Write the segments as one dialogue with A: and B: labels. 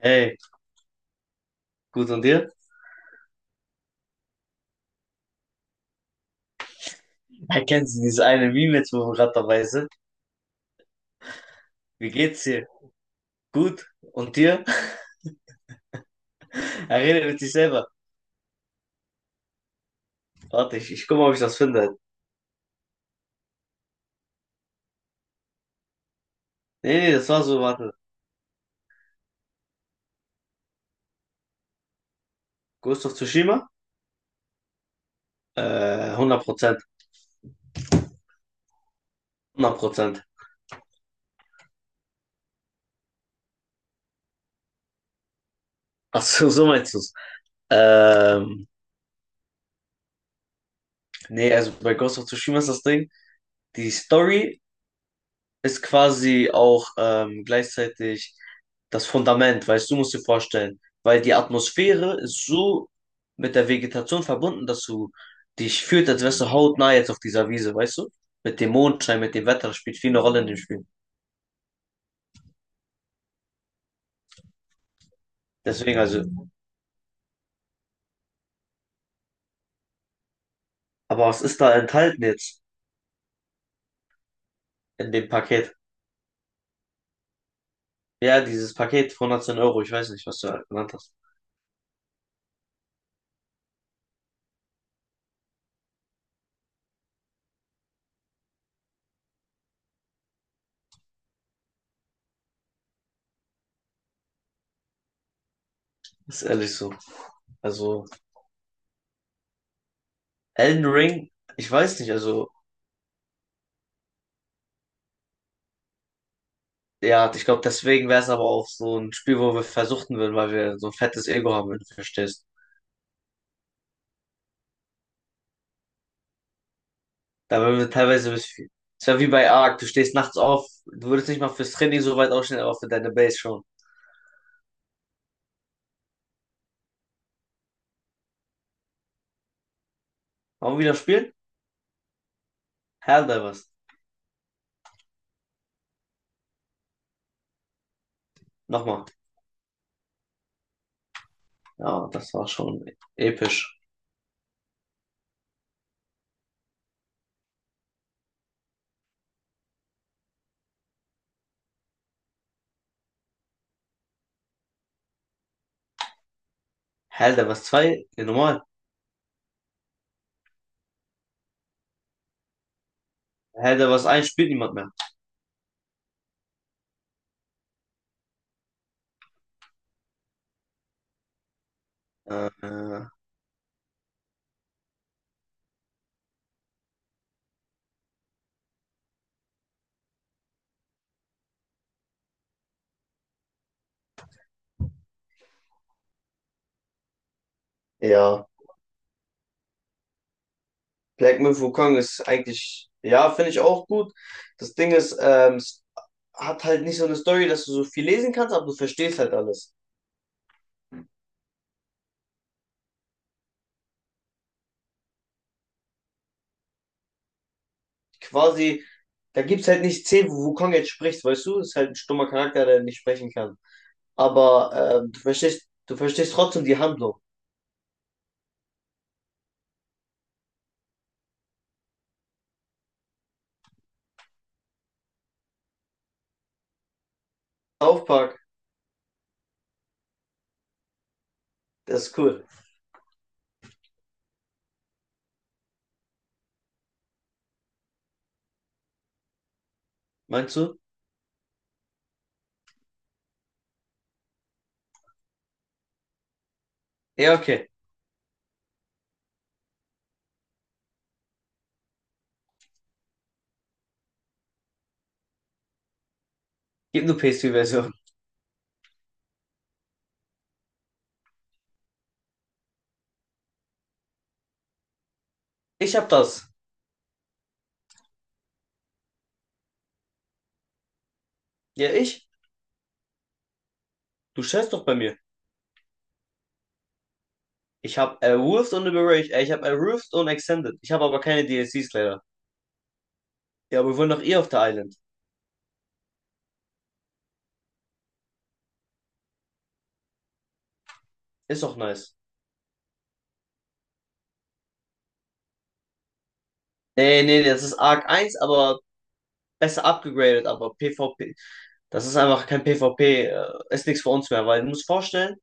A: Hey, gut und dir? Erkennst du dieses eine Meme jetzt, wo wir gerade dabei sind? Wie geht's dir? Gut? Und dir? Er redet mit sich selber. Warte, ich guck mal, ob ich das finde. Nee, nee, das war so, warte. Ghost of Tsushima? Äh, 100%. 100%. Ach so, so meinst du's. Ähm, nee, also bei Ghost of Tsushima ist das Ding, die Story ist quasi auch gleichzeitig das Fundament, weißt du, musst dir vorstellen, weil die Atmosphäre ist so mit der Vegetation verbunden, dass du dich fühlst, als wärst du hautnah jetzt auf dieser Wiese, weißt du? Mit dem Mondschein, mit dem Wetter, das spielt viel eine Rolle in dem Spiel. Deswegen also, aber was ist da enthalten jetzt in dem Paket? Ja, dieses Paket von 110 Euro, ich weiß nicht, was du genannt hast. Ist ehrlich so. Also, Elden Ring, ich weiß nicht, also. Ja, ich glaube, deswegen wäre es aber auch so ein Spiel, wo wir versuchten würden, weil wir so ein fettes Ego haben, wenn du verstehst. Da würden wir teilweise bis viel. Es wäre wie bei Ark, du stehst nachts auf, du würdest nicht mal fürs Training so weit aufstehen, aber für deine Base schon. Wollen wir wieder spielen? Helldivers. Nochmal. Ja, das war schon episch. Helldivers 2, ja, normal. Helldivers 1 spielt niemand mehr. Äh, ja, Black Myth Wukong ist eigentlich, ja, finde ich auch gut. Das Ding ist, hat halt nicht so eine Story, dass du so viel lesen kannst, aber du verstehst halt alles. Quasi, da gibt's halt nicht 10, wo Wukong jetzt spricht, weißt du? Ist halt ein stummer Charakter, der nicht sprechen kann. Aber du verstehst trotzdem die Handlung. South Park, das ist cool. Meinst du? Ja, okay. Gib nur PS4-Version. Ich hab das. Ja, ich? Du schätzt doch bei mir. Ich hab Erwurft und Liberation, ich hab Erwurft und Extended. Ich habe aber keine DLCs leider. Ja, aber wir wollen doch eh auf der Island. Ist doch nice. Nee, nee, das ist Arc 1, aber besser abgegradet, aber PvP, das ist einfach kein PvP, ist nichts für uns mehr, weil du musst vorstellen,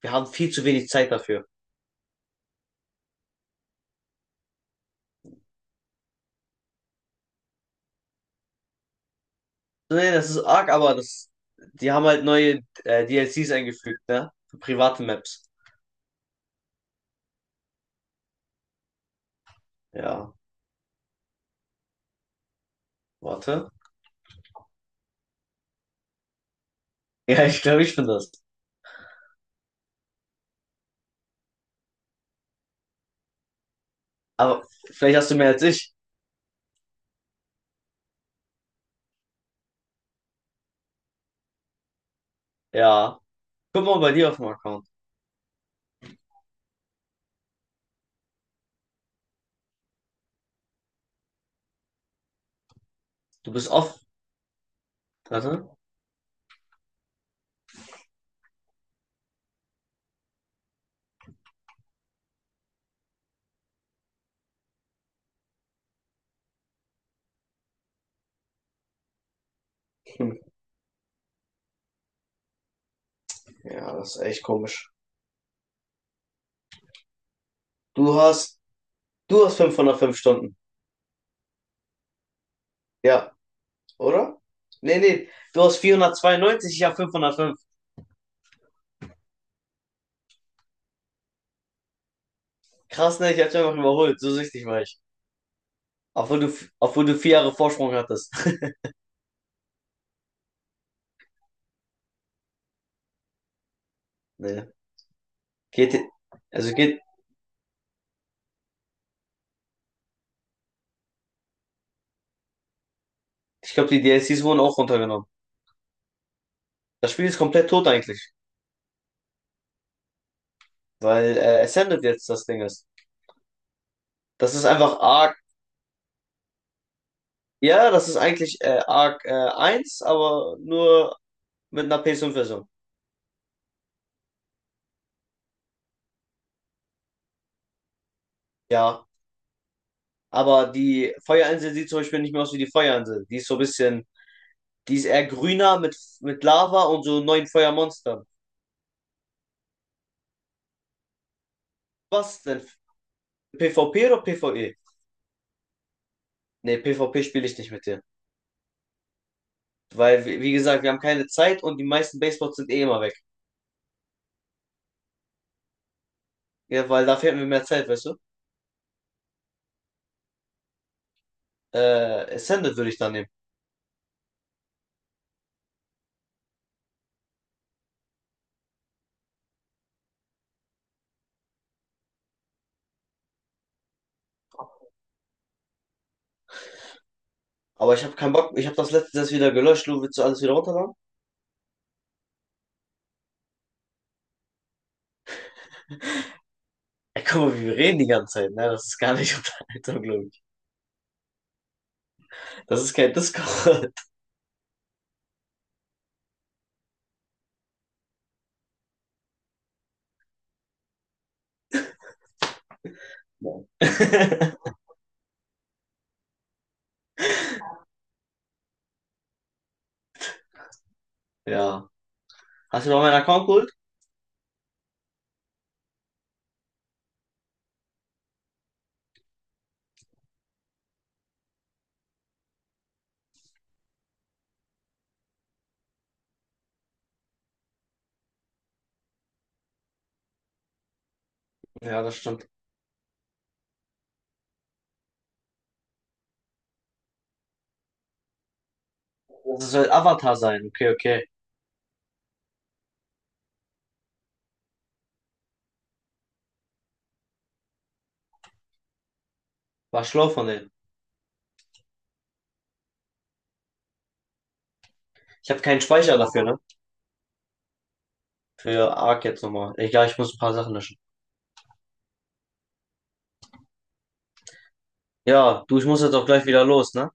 A: wir haben viel zu wenig Zeit dafür. Nee, das ist arg, aber das, die haben halt neue DLCs eingefügt, ne? Für private Maps. Ja, warte. Ja, ich glaube, ich bin das. Aber vielleicht hast du mehr als ich. Ja. Guck mal bei dir auf dem Account. Du bist off. Warte. Hm. Ja, das ist echt komisch. Du hast, du hast 505 Stunden. Ja, oder? Nee, nee. Du hast 492, ich habe 505. Krass, ne? Ich hab's einfach überholt. So süchtig war ich. Obwohl du, obwohl du 4 Jahre Vorsprung hattest. Nee. Geht, also geht, ich glaube, die D DLCs wurden auch runtergenommen. Das Spiel ist komplett tot eigentlich, weil Ascended jetzt das Ding ist. Das ist einfach Arc, ja, das ist eigentlich Arc 1, aber nur mit einer PS5 version. Ja, aber die Feuerinsel sieht zum Beispiel nicht mehr aus wie die Feuerinsel. Die ist so ein bisschen, die ist eher grüner mit, Lava und so neuen Feuermonstern. Was denn? PvP oder PvE? Nee, PvP spiele ich nicht mit dir. Weil, wie gesagt, wir haben keine Zeit und die meisten Baseboards sind eh immer weg. Ja, weil da fehlt mir mehr Zeit, weißt du? Ascended würde ich dann nehmen. Aber ich habe keinen Bock, ich habe das letzte das wieder gelöscht, du willst du alles wieder runterladen? Ey, guck mal, wie wir reden die ganze Zeit, ne? Das ist gar nicht Unterhaltung, glaube ich. Das ist kein Discord. Ja. Hast du noch meinen Account geholt? Ja, das stimmt. Das soll Avatar sein. Okay, okay. War schlau von denen. Ich habe keinen Speicher dafür, ne? Für Ark jetzt nochmal. Egal, ich muss ein paar Sachen löschen. Ja, du, ich muss jetzt auch gleich wieder los, ne?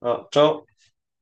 A: Ja, ciao.